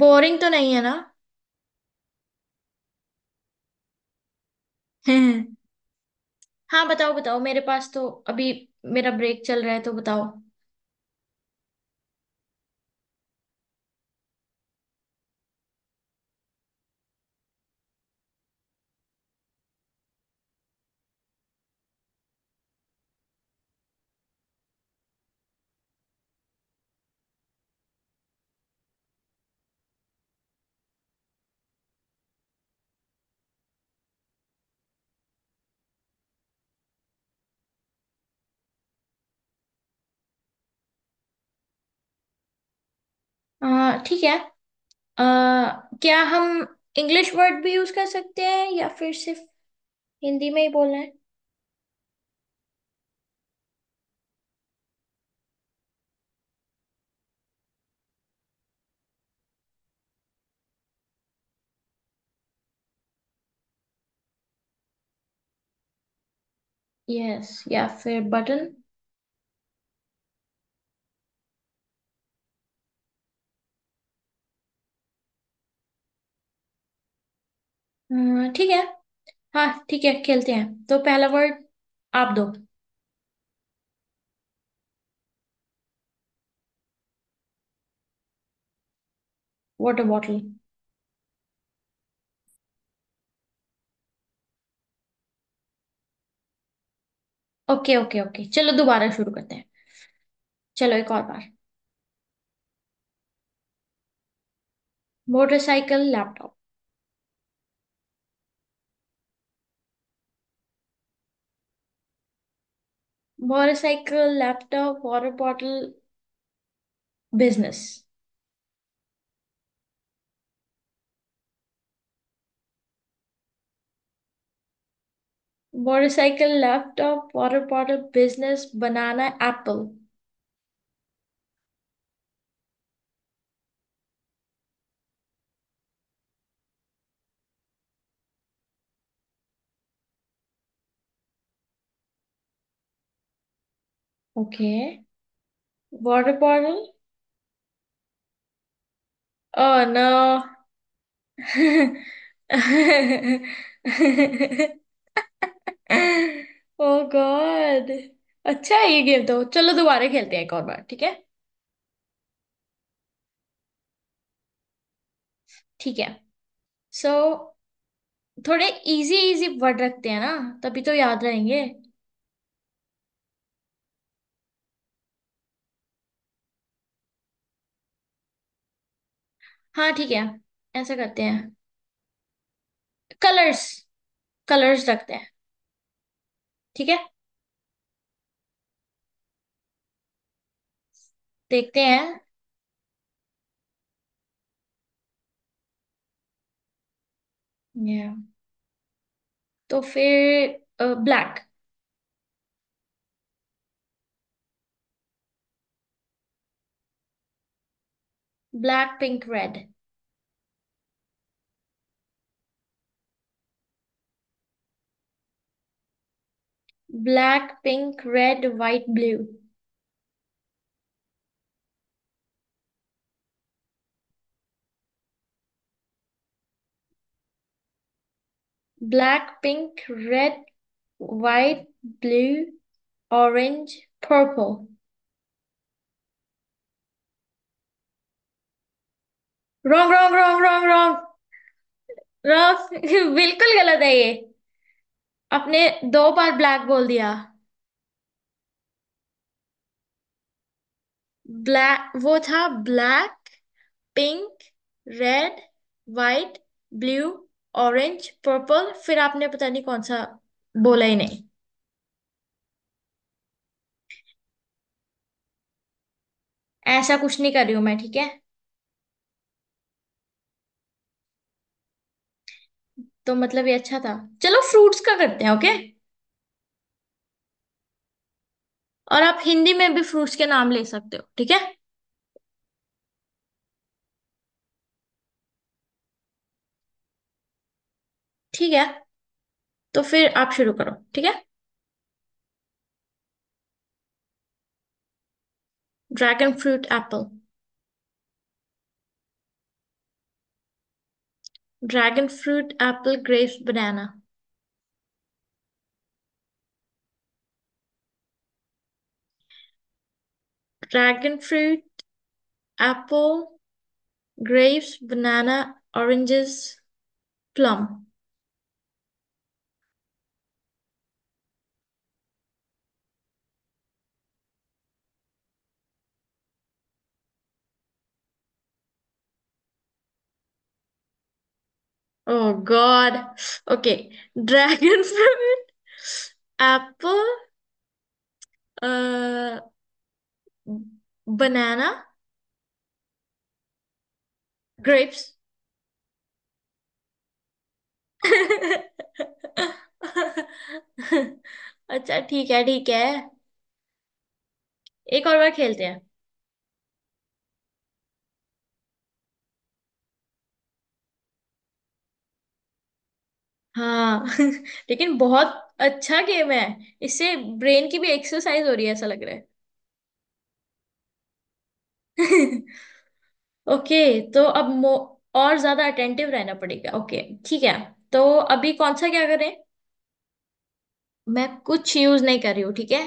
Boring तो नहीं है ना? हाँ, बताओ बताओ। मेरे पास तो अभी मेरा ब्रेक चल रहा है, तो बताओ। ठीक है। आ, क्या हम इंग्लिश वर्ड भी यूज कर सकते हैं या फिर सिर्फ हिंदी में ही बोलना है? यस, या फिर बटन। ठीक है। हाँ ठीक है, खेलते हैं। तो पहला वर्ड आप दो। Water bottle. Okay okay okay, चलो दोबारा शुरू करते हैं। चलो एक और बार। Motorcycle laptop. Motorcycle laptop water bottle business. Motorcycle laptop water bottle business banana apple. Okay, water bottle. Oh no. Oh God. अच्छा है ये गेम। तो चलो दोबारा खेलते हैं एक और बार, ठीक है। ठीक है। सो, थोड़े इजी इजी वर्ड रखते हैं ना। तभी तो याद रहेंगे। हाँ ठीक है, ऐसा करते हैं। कलर्स। कलर्स रखते हैं, ठीक है। देखते हैं। तो फिर black. Black pink red. Black pink red white blue. Black pink red white blue orange purple. Wrong wrong wrong wrong wrong wrong! बिल्कुल गलत है ये। आपने दो बार ब्लैक बोल दिया। ब्लैक वो था। Black pink red white blue orange purple, फिर आपने पता नहीं कौन सा बोला ही नहीं। ऐसा कुछ नहीं कर रही हूं मैं, ठीक है। तो मतलब ये अच्छा था। चलो फ्रूट्स का करते हैं, ओके। और आप हिंदी में भी फ्रूट्स के नाम ले सकते हो, ठीक है। ठीक है, तो फिर आप शुरू करो, ठीक है। Dragon fruit apple. Dragon fruit apple grapes banana. Dragon fruit apple grapes banana oranges plum. Oh god. Okay, dragon fruit apple banana grapes. अच्छा ठीक है ठीक है, एक और बार खेलते हैं। हाँ। लेकिन बहुत अच्छा गेम है, इससे ब्रेन की भी एक्सरसाइज हो रही है ऐसा लग रहा है। ओके, तो अब मो और ज्यादा अटेंटिव रहना पड़ेगा। ओके, ठीक है। तो अभी कौन सा क्या करें? मैं कुछ यूज नहीं कर रही हूँ, ठीक है।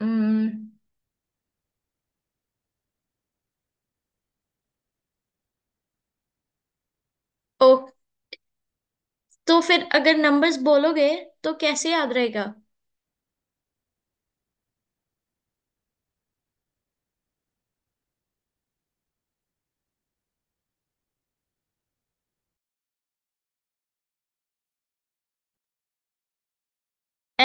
हम्म, ओ, तो फिर अगर नंबर्स बोलोगे तो कैसे याद रहेगा?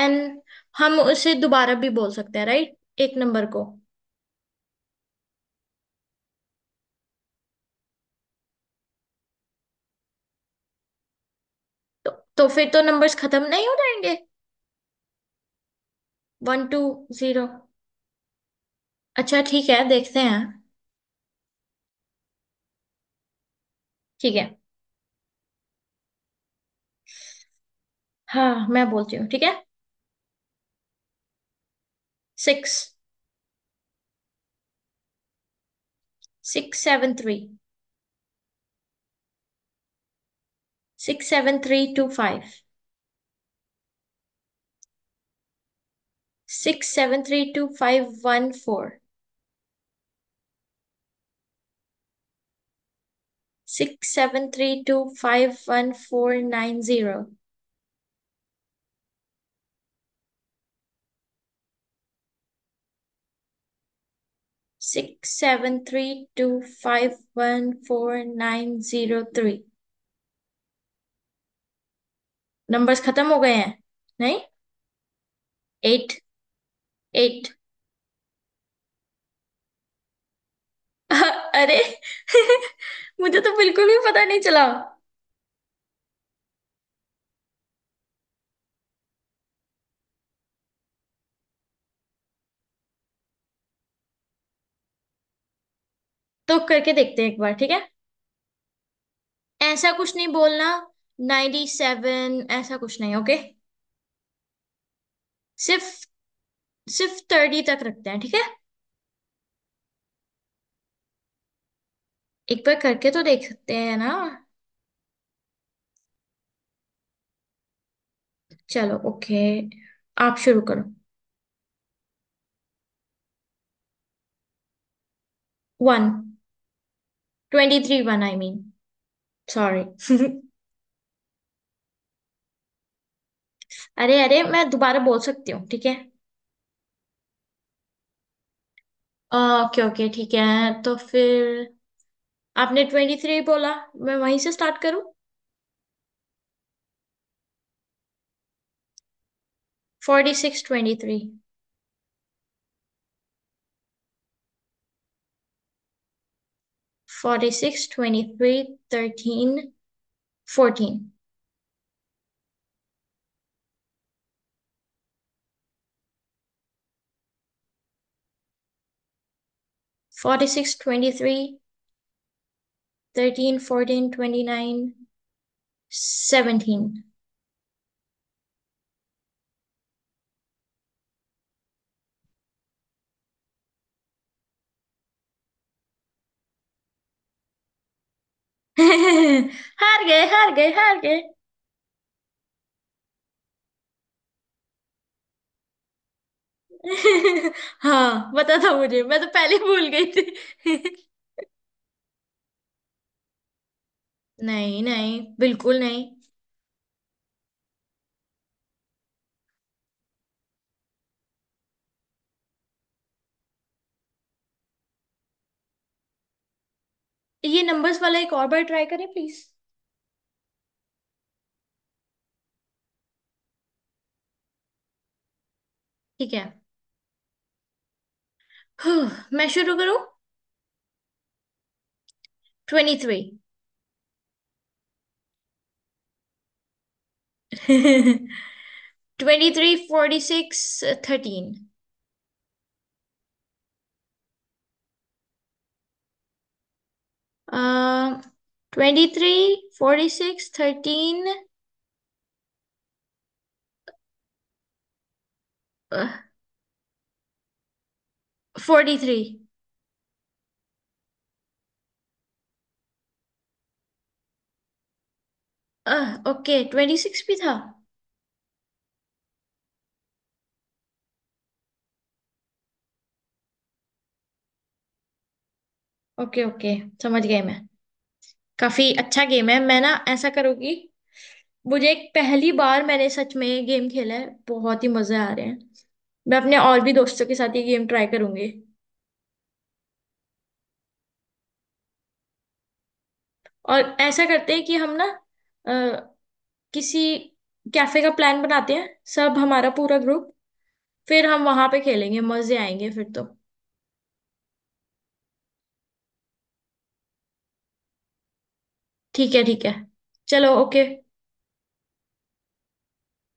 एन हम उसे दोबारा भी बोल सकते हैं राइट, एक नंबर को? तो, तो फिर तो नंबर्स खत्म नहीं हो जाएंगे? One two zero. अच्छा ठीक है, देखते हैं। ठीक है। हाँ मैं बोलती हूँ, ठीक है। Six. Six seven three. Six seven three two five. Six seven three two five one four. Six seven three two five one four nine zero. Six seven three two five one four nine zero three. Numbers खत्म हो गए हैं, नहीं? Eight. Eight. अरे। मुझे तो बिल्कुल भी पता नहीं चला। तो करके देखते हैं एक बार, ठीक है। ऐसा कुछ नहीं बोलना। 97 ऐसा कुछ नहीं, ओके। सिर्फ सिर्फ 30 तक रखते हैं, ठीक है। एक बार करके तो देख सकते हैं ना। चलो ओके, आप शुरू करो। One. Twenty three one, I mean, sorry. अरे अरे, मैं दोबारा बोल सकती हूँ, ठीक है? ओके ओके ठीक है, तो फिर आपने ट्वेंटी थ्री बोला, मैं वहीं से स्टार्ट करूं? Forty six twenty three. Forty six twenty three thirteen fourteen. Forty six twenty three thirteen fourteen twenty nine seventeen. हार गए हार गए हार गए! हाँ पता था मुझे, मैं तो पहले भूल गई थी। नहीं नहीं, बिल्कुल नहीं। ये नंबर्स वाला एक और बार ट्राई करें प्लीज। ठीक है। मैं शुरू करूं? Twenty three. 23, 46, 13। Um, 23, 46, 13, uh, 43। Okay, 26 भी था। ओके ओके, समझ गई मैं। काफी अच्छा गेम है। मैं ना ऐसा करूंगी। मुझे एक पहली बार मैंने सच में ये गेम खेला है, बहुत ही मजे आ रहे हैं। मैं अपने और भी दोस्तों के साथ ये गेम ट्राई करूंगी। और ऐसा करते हैं कि हम ना, अह, किसी कैफे का प्लान बनाते हैं। सब हमारा पूरा ग्रुप, फिर हम वहां पे खेलेंगे, मजे आएंगे फिर तो। ठीक है ठीक है, चलो ओके।